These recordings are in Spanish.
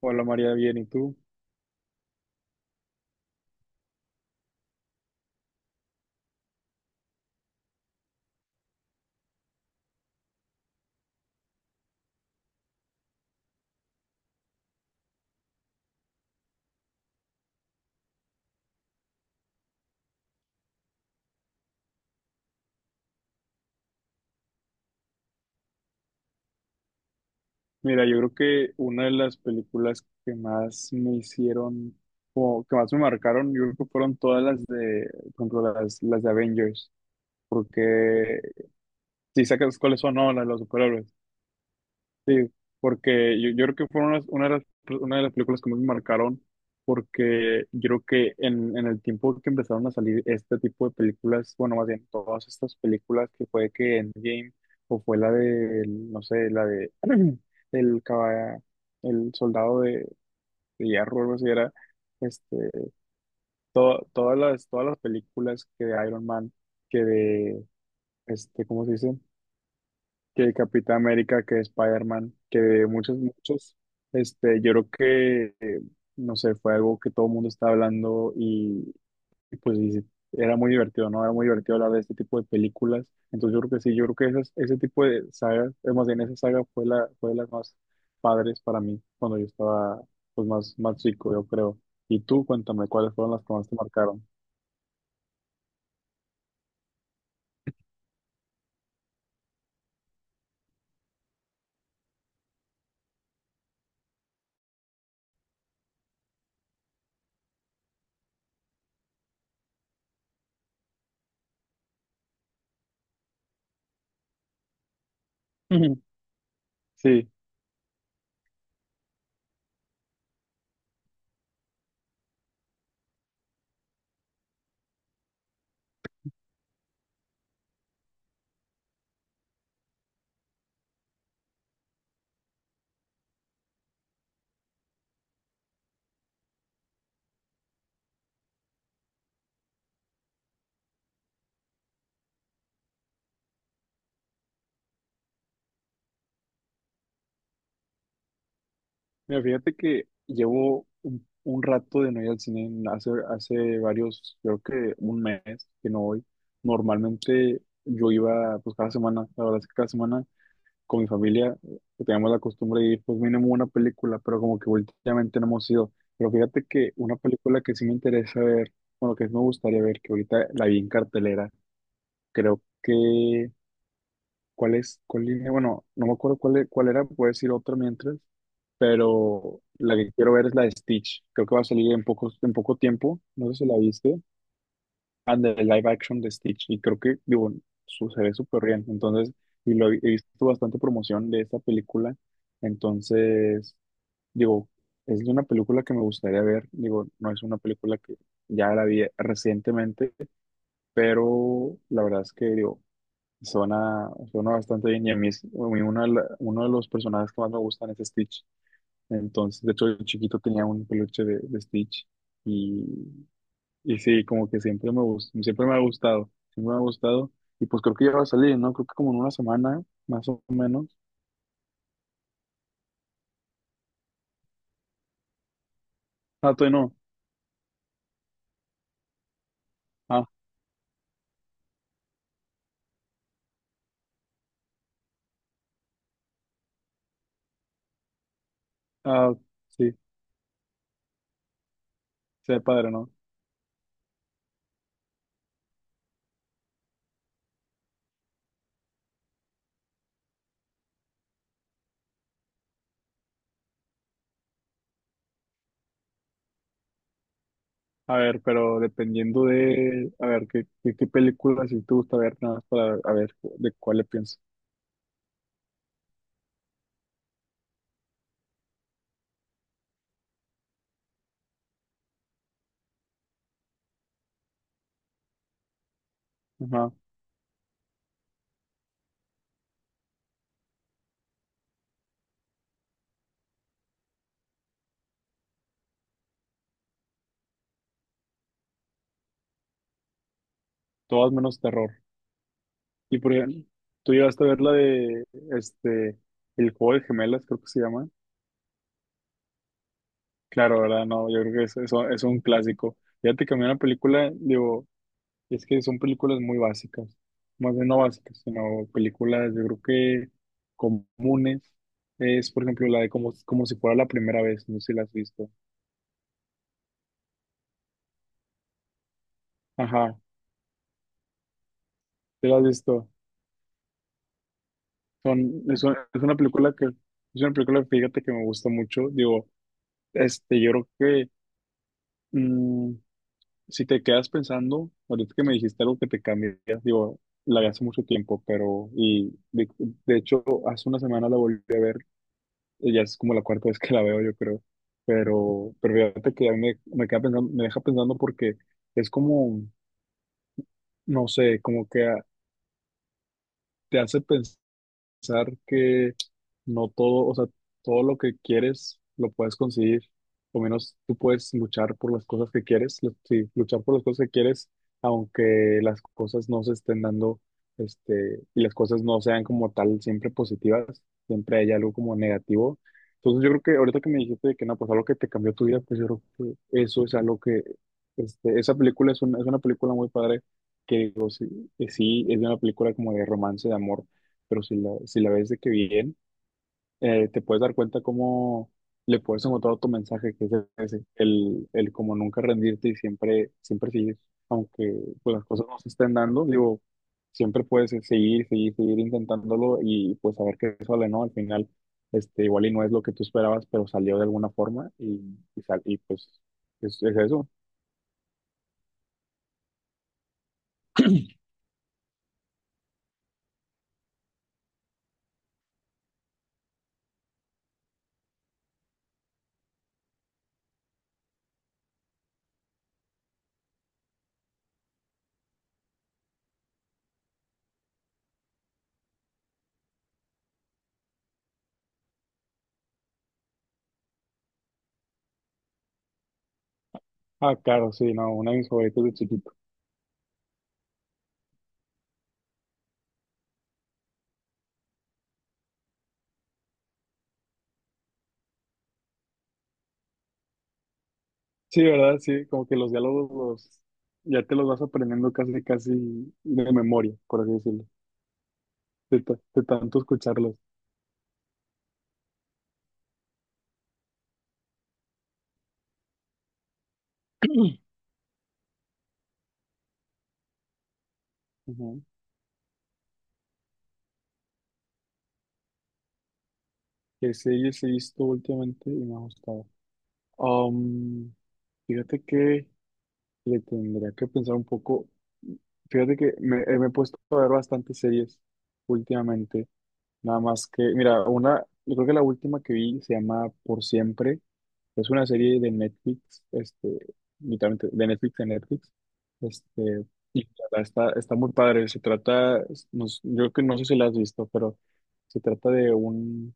Hola María, bien, ¿y tú? Mira, yo creo que una de las películas que más me hicieron, o que más me marcaron, yo creo que fueron todas las de, por ejemplo, las de Avengers, porque si sacas cuáles son, no, las de los superhéroes. Sí, porque yo creo que fueron las- una de las, una de las películas que más me marcaron, porque yo creo que en el tiempo que empezaron a salir este tipo de películas, bueno, más bien todas estas películas, que fue que Endgame, o fue la de, no sé, la de el caba- el soldado de hierro, algo así era, este, to- todas las películas que de Iron Man, que de, este, ¿cómo se dice? Que Capitán América, que Spider-Man, que muchos, muchos, este, yo creo que, no sé, fue algo que todo el mundo estaba hablando y pues y era muy divertido, ¿no? Era muy divertido hablar de este tipo de películas. Entonces yo creo que sí, yo creo que esas- ese tipo de sagas, es más bien esa saga fue la, fue de las más padres para mí cuando yo estaba pues más, más chico, yo creo. Y tú, cuéntame, ¿cuáles fueron las que más te marcaron? Sí. Mira, fíjate que llevo un rato de no ir al cine, hace, hace varios, creo que un mes que no voy. Normalmente yo iba pues cada semana, la verdad es que cada semana con mi familia teníamos la costumbre de ir pues mínimo una película, pero como que últimamente no hemos ido. Pero fíjate que una película que sí me interesa ver, bueno, que sí me gustaría ver, que ahorita la vi en cartelera, creo que, ¿cuál es? ¿Cuál línea? Bueno, no me acuerdo cuál, e- cuál era, puedes decir otra mientras pero la que quiero ver es la de Stitch. Creo que va a salir en poco tiempo, no sé si la viste, and the live action de Stitch, y creo que, digo, su, se ve súper bien, entonces, y lo he visto bastante promoción de esta película, entonces, digo, es una película que me gustaría ver, digo, no es una película que ya la vi recientemente, pero la verdad es que, digo, suena, suena bastante bien y a mí es- a mí una de la- uno de los personajes que más me gustan es Stitch. Entonces, de hecho, de chiquito tenía un peluche de Stitch y, y sí, como que siempre me gust- siempre me ha gustado, siempre me ha gustado. Y pues creo que ya va a salir, ¿no? Creo que como en una semana, más o menos. Ah, todavía no. Ah, ah, sí, se ve padre, ¿no? A ver, pero dependiendo de, a ver, qué, qué, qué película si te gusta ver, nada más para a ver de cuál le pienso. Ajá, todas menos terror. Y por ejemplo, tú llegaste a ver la de, este, El Juego de Gemelas, creo que se llama. Claro, ¿verdad? No, yo creo que eso es un clásico. Fíjate que a mí una película, digo, es que son películas muy básicas, más bien no básicas, sino películas, yo creo que comunes. Es, por ejemplo, la de como, como si fuera la primera vez, no sé si la has visto. Ajá, ¿te la has visto? Son, es una película que, es una película, fíjate que me gusta mucho. Digo, este, yo creo que mm, si te quedas pensando, ahorita que me dijiste algo que te cambias, digo, la vi hace mucho tiempo, pero, y de hecho, hace una semana la volví a ver, y ya es como la cuarta vez que la veo, yo creo, pero fíjate que a mí me, me queda pensando, me deja pensando porque es como, no sé, como que a- te hace pensar pensar que no todo, o sea, todo lo que quieres lo puedes conseguir, o menos tú puedes luchar por las cosas que quieres, lu- sí, luchar por las cosas que quieres, aunque las cosas no se estén dando, este, y las cosas no sean como tal siempre positivas, siempre hay algo como negativo. Entonces yo creo que ahorita que me dijiste de que no, pues algo que te cambió tu vida, pues yo creo que eso es algo que, este, esa película es una película muy padre, que digo, sí, que sí, es una película como de romance, de amor pero si la, si la ves de que bien, te puedes dar cuenta cómo le puedes encontrar otro mensaje que es ese, el como nunca rendirte y siempre, siempre seguir, aunque pues, las cosas no se estén dando, digo, siempre puedes seguir, seguir, seguir intentándolo y pues saber que sale, ¿no? Al final, este, igual y no es lo que tú esperabas, pero salió de alguna forma y, sal- y pues es eso. Ah, claro, sí, no, una de mis favoritas de chiquito. Sí, ¿verdad? Sí, como que los diálogos los, ya te los vas aprendiendo casi, casi de memoria, por así decirlo, de, ta- de tanto escucharlos. Ujú. Que series he visto últimamente y me ha gustado. Um, Fíjate que le tendría que pensar un poco. Fíjate que me, me he puesto a ver bastantes series últimamente. Nada más que, mira, una, yo creo que la última que vi se llama Por Siempre. Es una serie de Netflix, este, literalmente de Netflix a Netflix. Este, y la verdad está, está muy padre. Se trata, no s- yo que no sé si la has visto, pero se trata de un,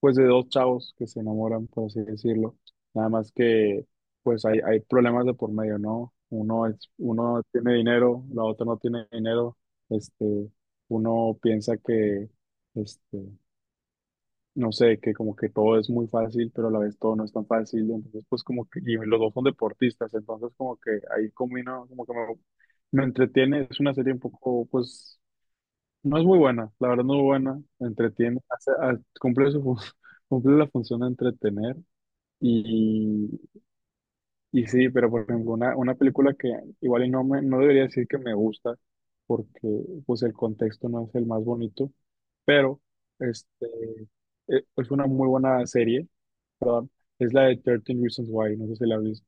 pues de dos chavos que se enamoran, por así decirlo. Nada más que, pues hay problemas de por medio, ¿no? Uno es, uno tiene dinero, la otra no tiene dinero. Este, uno piensa que, este, no sé, que como que todo es muy fácil, pero a la vez todo no es tan fácil, entonces pues como que, y los dos son deportistas, entonces como que ahí combino, como que me entretiene, es una serie un poco, pues, no es muy buena, la verdad no es muy buena, entretiene, hace- ha- cumple su, fun- cumple la función de entretener, y, y sí, pero por ejemplo, una película que igual y no me, no debería decir que me gusta, porque pues el contexto no es el más bonito, pero, este, e- es una muy buena serie. Es la de 13 Reasons Why, no sé si la viste.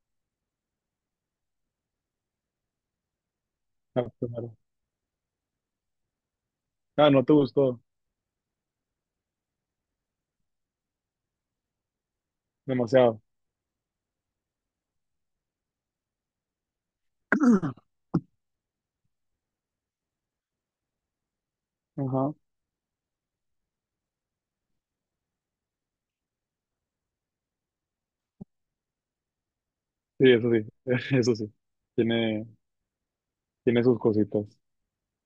Ah, primero. Ah, no te gustó demasiado. Ajá. Sí, eso sí, eso sí. Tiene, tiene sus cositas.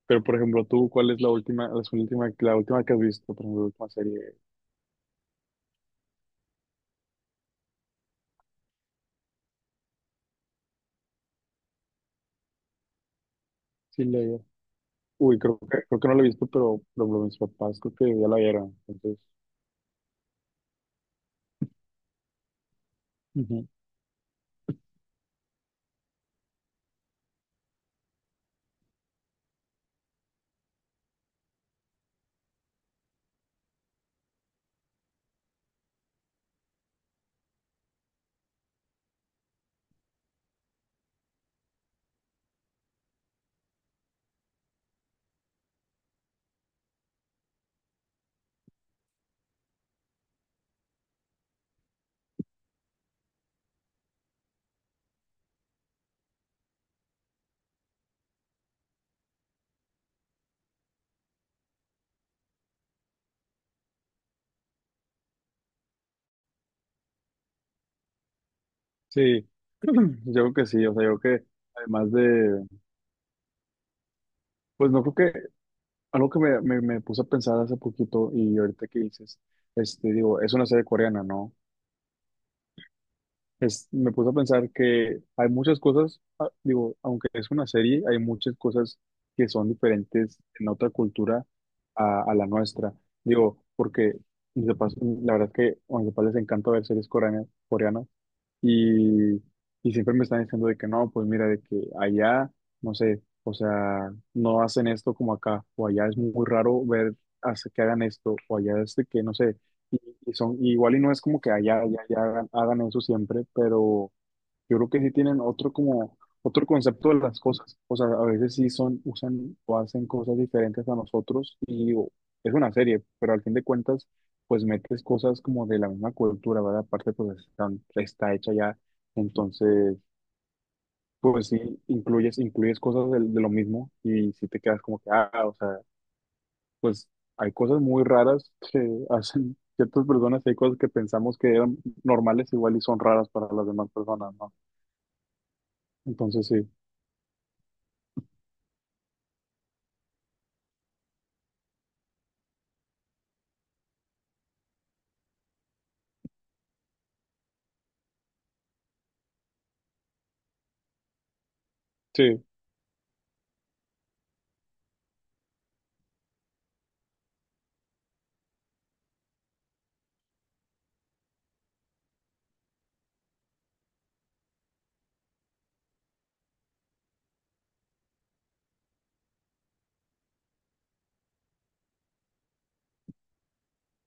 Pero, por ejemplo, tú, ¿cuál es la última, la última, la última que has visto? Por ejemplo, la última serie. Sí, la- Uy, creo que no la he visto, pero, por ejemplo, mis papás creo que ya la vieron. Entonces, ujú. Sí, yo creo que sí. O sea, yo creo que además de, pues no creo que, algo que me puse a pensar hace poquito y ahorita que dices, este, digo, es una serie coreana, ¿no? Es, me puse a pensar que hay muchas cosas, ah, digo, aunque es una serie, hay muchas cosas que son diferentes en otra cultura a la nuestra. Digo, porque mis papás, la verdad es que a mis papás les encanta ver series coreanas, coreanas y, y siempre me están diciendo de que no, pues mira, de que allá, no sé, o sea, no hacen esto como acá, o allá es muy raro ver hace- que hagan esto, o allá es de que, no sé, y, y son, y igual y no es como que allá, allá, allá hagan, hagan eso siempre, pero yo creo que sí tienen otro como otro concepto de las cosas. O sea, a veces sí son, usan o hacen cosas diferentes a nosotros y digo, es una serie, pero al fin de cuentas, pues metes cosas como de la misma cultura, ¿verdad? Aparte, pues están- está hecha ya. Entonces, pues sí, incluyes, incluyes cosas del- de, lo mismo y si te quedas como que, ah, o sea, pues hay cosas muy raras que hacen ciertas personas y hay cosas que pensamos que eran normales igual y son raras para las demás personas, ¿no? Entonces, sí. Sí,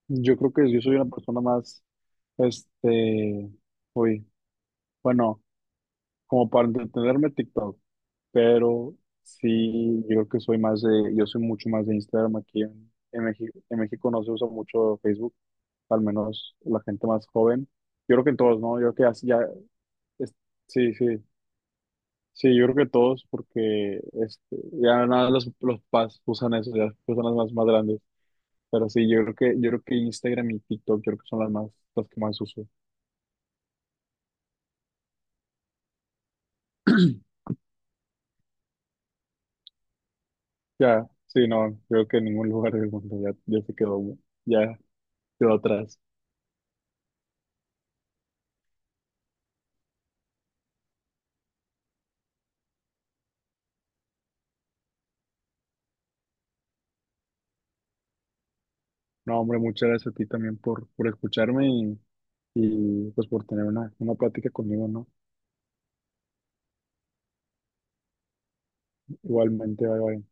yo creo que yo soy una persona más, este, uy, bueno, como para entretenerme TikTok, pero sí, yo creo que soy más de, yo soy mucho más de Instagram aquí en México. En México no se usa mucho Facebook, al menos la gente más joven. Yo creo que en todos, ¿no? Yo creo que así ya, es- sí, sí, sí, yo creo que todos, porque este, ya nada, los papás usan eso, ya las personas más, más grandes. Pero sí, yo creo que Instagram y TikTok, yo creo que son las más, las que más uso. Ya, sí, no, creo que en ningún lugar del mundo ya, ya se quedó, ya quedó atrás. No, hombre, muchas gracias a ti también por escucharme y pues por tener una plática conmigo, ¿no? Igualmente, bye, bye.